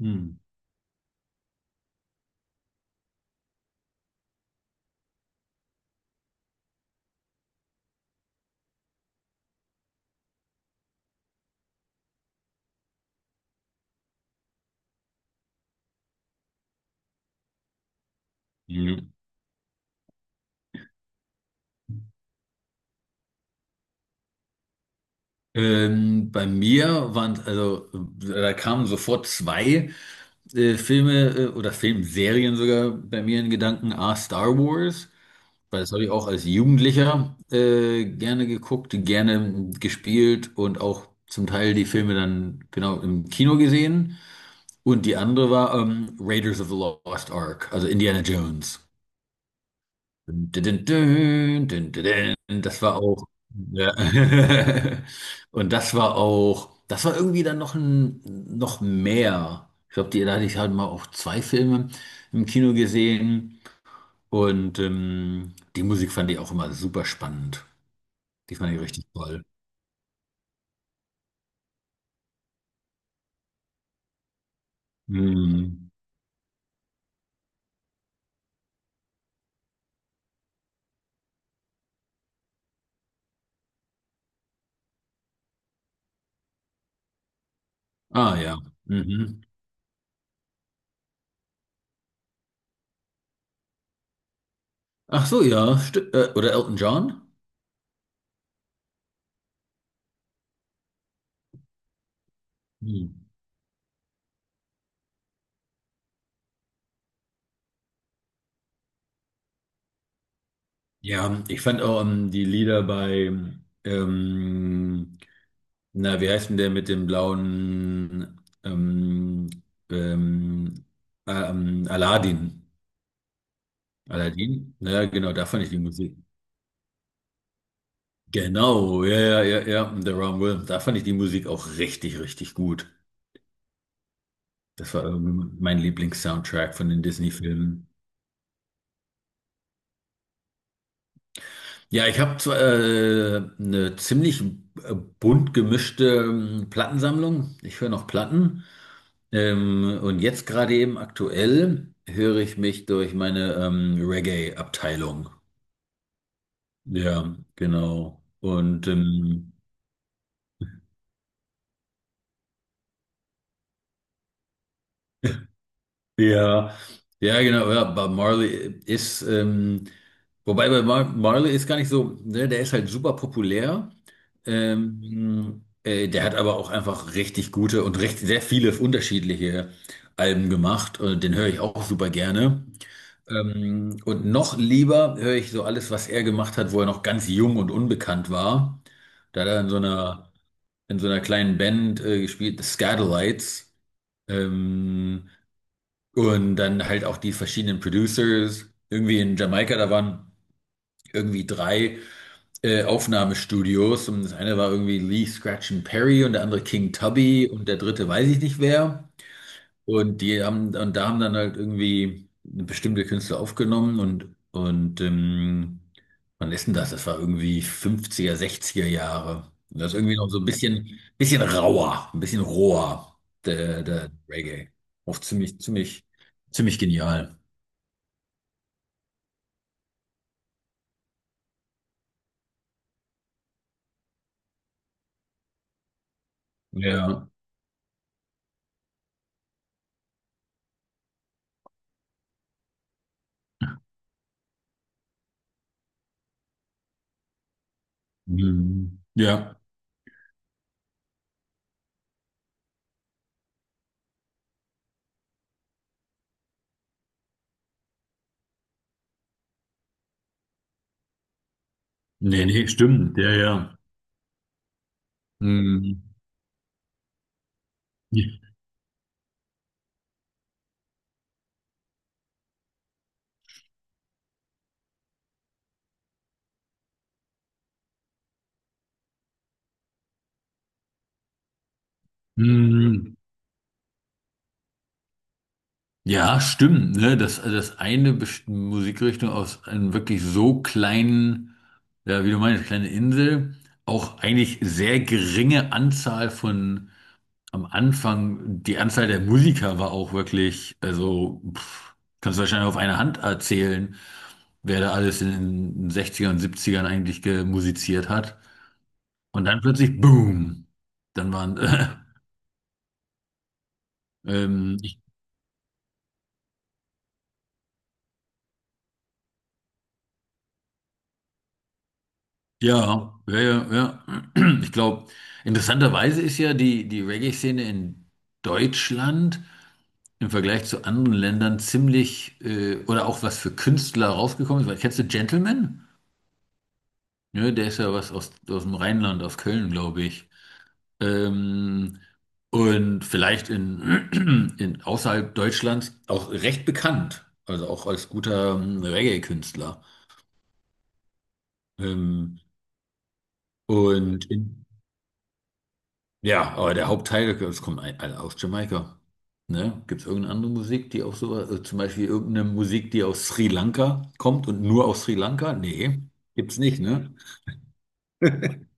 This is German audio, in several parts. Hm. Ja. Bei mir waren, also da kamen sofort zwei Filme oder Filmserien sogar bei mir in Gedanken. A, Star Wars, weil das habe ich auch als Jugendlicher gerne geguckt, gerne gespielt und auch zum Teil die Filme dann genau im Kino gesehen. Und die andere war Raiders of the Lost Ark, also Indiana Jones. Dün, dün, dün, dün, dün, dün. Das war auch. Ja. Und das war auch. Das war irgendwie dann noch mehr. Ich glaube, die da hatte ich halt mal auch zwei Filme im Kino gesehen. Und die Musik fand ich auch immer super spannend. Die fand ich richtig toll. Mhm. Ah ja. Mhm. Ach so, ja. Oder Elton John? Hm. Ja, ich fand auch die Lieder bei ähm, na, wie heißt denn der mit dem blauen ähm, Aladdin? Aladdin? Ja, genau, da fand ich die Musik. Genau, ja, ja, ja, ja, und The Wrong Will. Da fand ich die Musik auch richtig, richtig gut. Das war irgendwie mein Lieblingssoundtrack von den Disney-Filmen. Ja, ich habe zwar eine ziemlich bunt gemischte Plattensammlung. Ich höre noch Platten. Und jetzt gerade eben aktuell höre ich mich durch meine Reggae-Abteilung. Ja, genau. Ja, ja, genau. Ja, Bob Marley ist, wobei bei Marley ist gar nicht so, ne, der ist halt super populär. Der hat aber auch einfach richtig gute und recht, sehr viele unterschiedliche Alben gemacht. Und den höre ich auch super gerne. Und noch lieber höre ich so alles, was er gemacht hat, wo er noch ganz jung und unbekannt war. Da hat er in so einer kleinen Band gespielt, The Scatolites. Ähm, und dann halt auch die verschiedenen Producers. Irgendwie in Jamaika, da waren irgendwie drei Aufnahmestudios. Und das eine war irgendwie Lee Scratch and Perry und der andere King Tubby und der dritte weiß ich nicht wer. Und da haben dann halt irgendwie bestimmte Künstler aufgenommen und wann ist denn das? Das war irgendwie fünfziger sechziger Jahre. Und das ist irgendwie noch so ein bisschen rauer, ein bisschen roher, der Reggae. Auch ziemlich, ziemlich, ziemlich genial. Ja. Mhm. Ja. Nee, nee, stimmt. Ja, ja. Mhm. Mhm. Ja, stimmt, ne? Dass eine Best- Musikrichtung aus einem wirklich so kleinen, ja, wie du meinst, kleine Insel, auch eigentlich sehr geringe Anzahl von am Anfang, die Anzahl der Musiker war auch wirklich, also pff, kannst du wahrscheinlich auf einer Hand erzählen, wer da alles in den 60 und 70 eigentlich gemusiziert hat. Und dann plötzlich, boom, dann waren, ähm, ja, ja, ja, ja. Ich glaube, interessanterweise ist ja die Reggae-Szene in Deutschland im Vergleich zu anderen Ländern ziemlich, oder auch was für Künstler rausgekommen ist. Weil, kennst du Gentleman? Ne, der ist ja was aus, aus dem Rheinland, aus Köln, glaube ich. Ähm, und vielleicht in außerhalb Deutschlands auch recht bekannt. Also auch als guter Reggae-Künstler. Ähm, und in, Ja, aber der Hauptteil, das kommt ein- alle aus Jamaika. Ne? Gibt es irgendeine andere Musik, die auch so, also zum Beispiel irgendeine Musik, die aus Sri Lanka kommt und nur aus Sri Lanka? Nee, gibt's nicht, ne?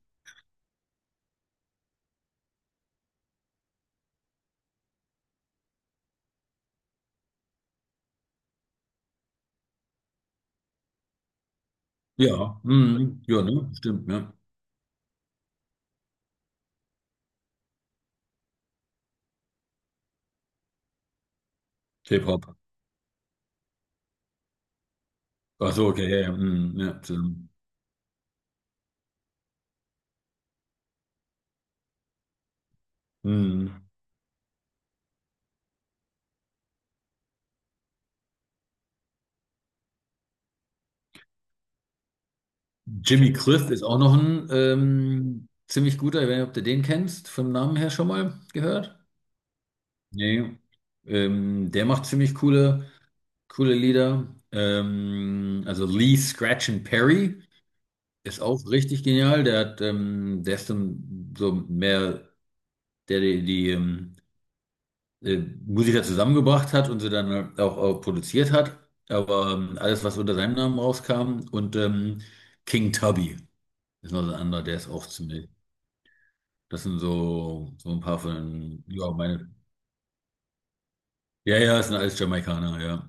Ja, mm, ja, ne? Stimmt, ne? K-Pop. Ach so, okay, ja, ja, mm, ja, stimmt. Mm. Jimmy Cliff ist auch noch ein ziemlich guter, ich weiß nicht, ob du den kennst, vom Namen her schon mal gehört? Nee. Der macht ziemlich coole. Coole Lieder. Also Lee Scratch and Perry ist auch richtig genial. Der hat, der ist dann so mehr, der die äh, Musiker zusammengebracht hat und sie dann auch, auch produziert hat. Aber alles, was unter seinem Namen rauskam. Und King Tubby ist noch so ein anderer, der ist auch ziemlich. Das sind so, so ein paar von, ja, meine. Ja, ja, es sind alles Jamaikaner, ja.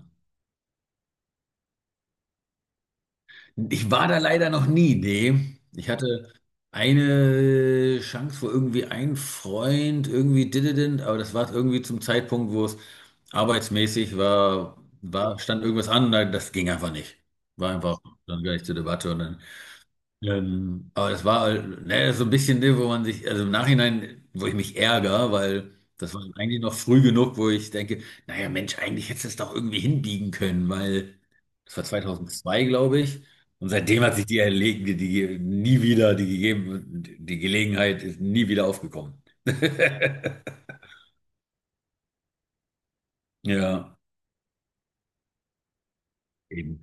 Ich war da leider noch nie, nee. Ich hatte eine Chance, wo irgendwie ein Freund irgendwie dididin, aber das war irgendwie zum Zeitpunkt, wo es arbeitsmäßig stand irgendwas an, da- das ging einfach nicht. War einfach dann gar nicht zur Debatte und dann aber das war halt, ne, das ist so ein bisschen, ne, wo man sich, also im Nachhinein, wo ich mich ärgere, weil das war eigentlich noch früh genug, wo ich denke, naja, Mensch, eigentlich hättest du es doch irgendwie hinbiegen können, weil das war 2002, glaube ich. Und seitdem hat sich die, erlegen, die, die nie wieder, die gegeben, die Gelegenheit ist nie wieder aufgekommen. Ja, eben.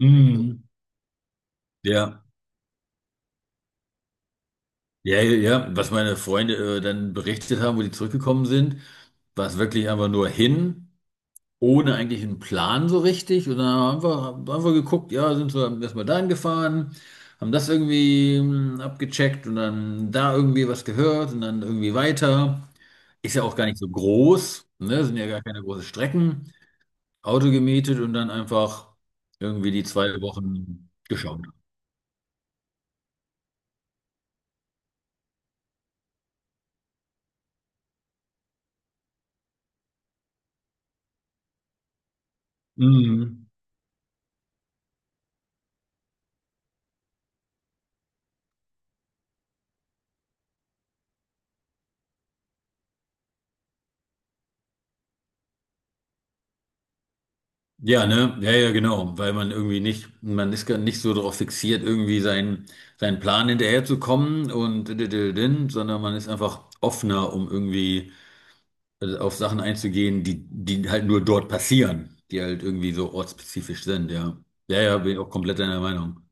Mhm. Ja, ja, ja, ja. Was meine Freunde dann berichtet haben, wo die zurückgekommen sind, war es wirklich einfach nur hin, ohne eigentlich einen Plan so richtig. Und dann haben wir geguckt, ja, sind wir erstmal dahin gefahren, haben das irgendwie abgecheckt und dann da irgendwie was gehört und dann irgendwie weiter. Ist ja auch gar nicht so groß, ne? Sind ja gar keine großen Strecken. Auto gemietet und dann einfach irgendwie die zwei Wochen geschaut. Mhm. Ja, ne? Ja, ja, genau. Weil man irgendwie nicht, man ist gar nicht so darauf fixiert, irgendwie seinen Plan hinterherzukommen und diddididdin, sondern man ist einfach offener, um irgendwie auf Sachen einzugehen, die halt nur dort passieren, die halt irgendwie so ortsspezifisch sind, ja. Ja, ja, bin ich auch komplett deiner Meinung.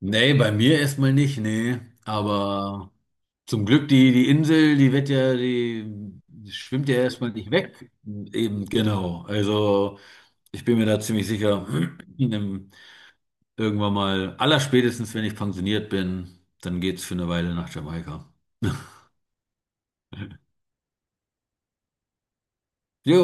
Nee, bei mir erstmal nicht, nee. Aber zum Glück, die Insel, die schwimmt ja erstmal nicht weg. Eben, genau. Also. Ich bin mir da ziemlich sicher, in- irgendwann mal, allerspätestens wenn ich pensioniert bin, dann geht's für eine Weile nach Jamaika. Jo.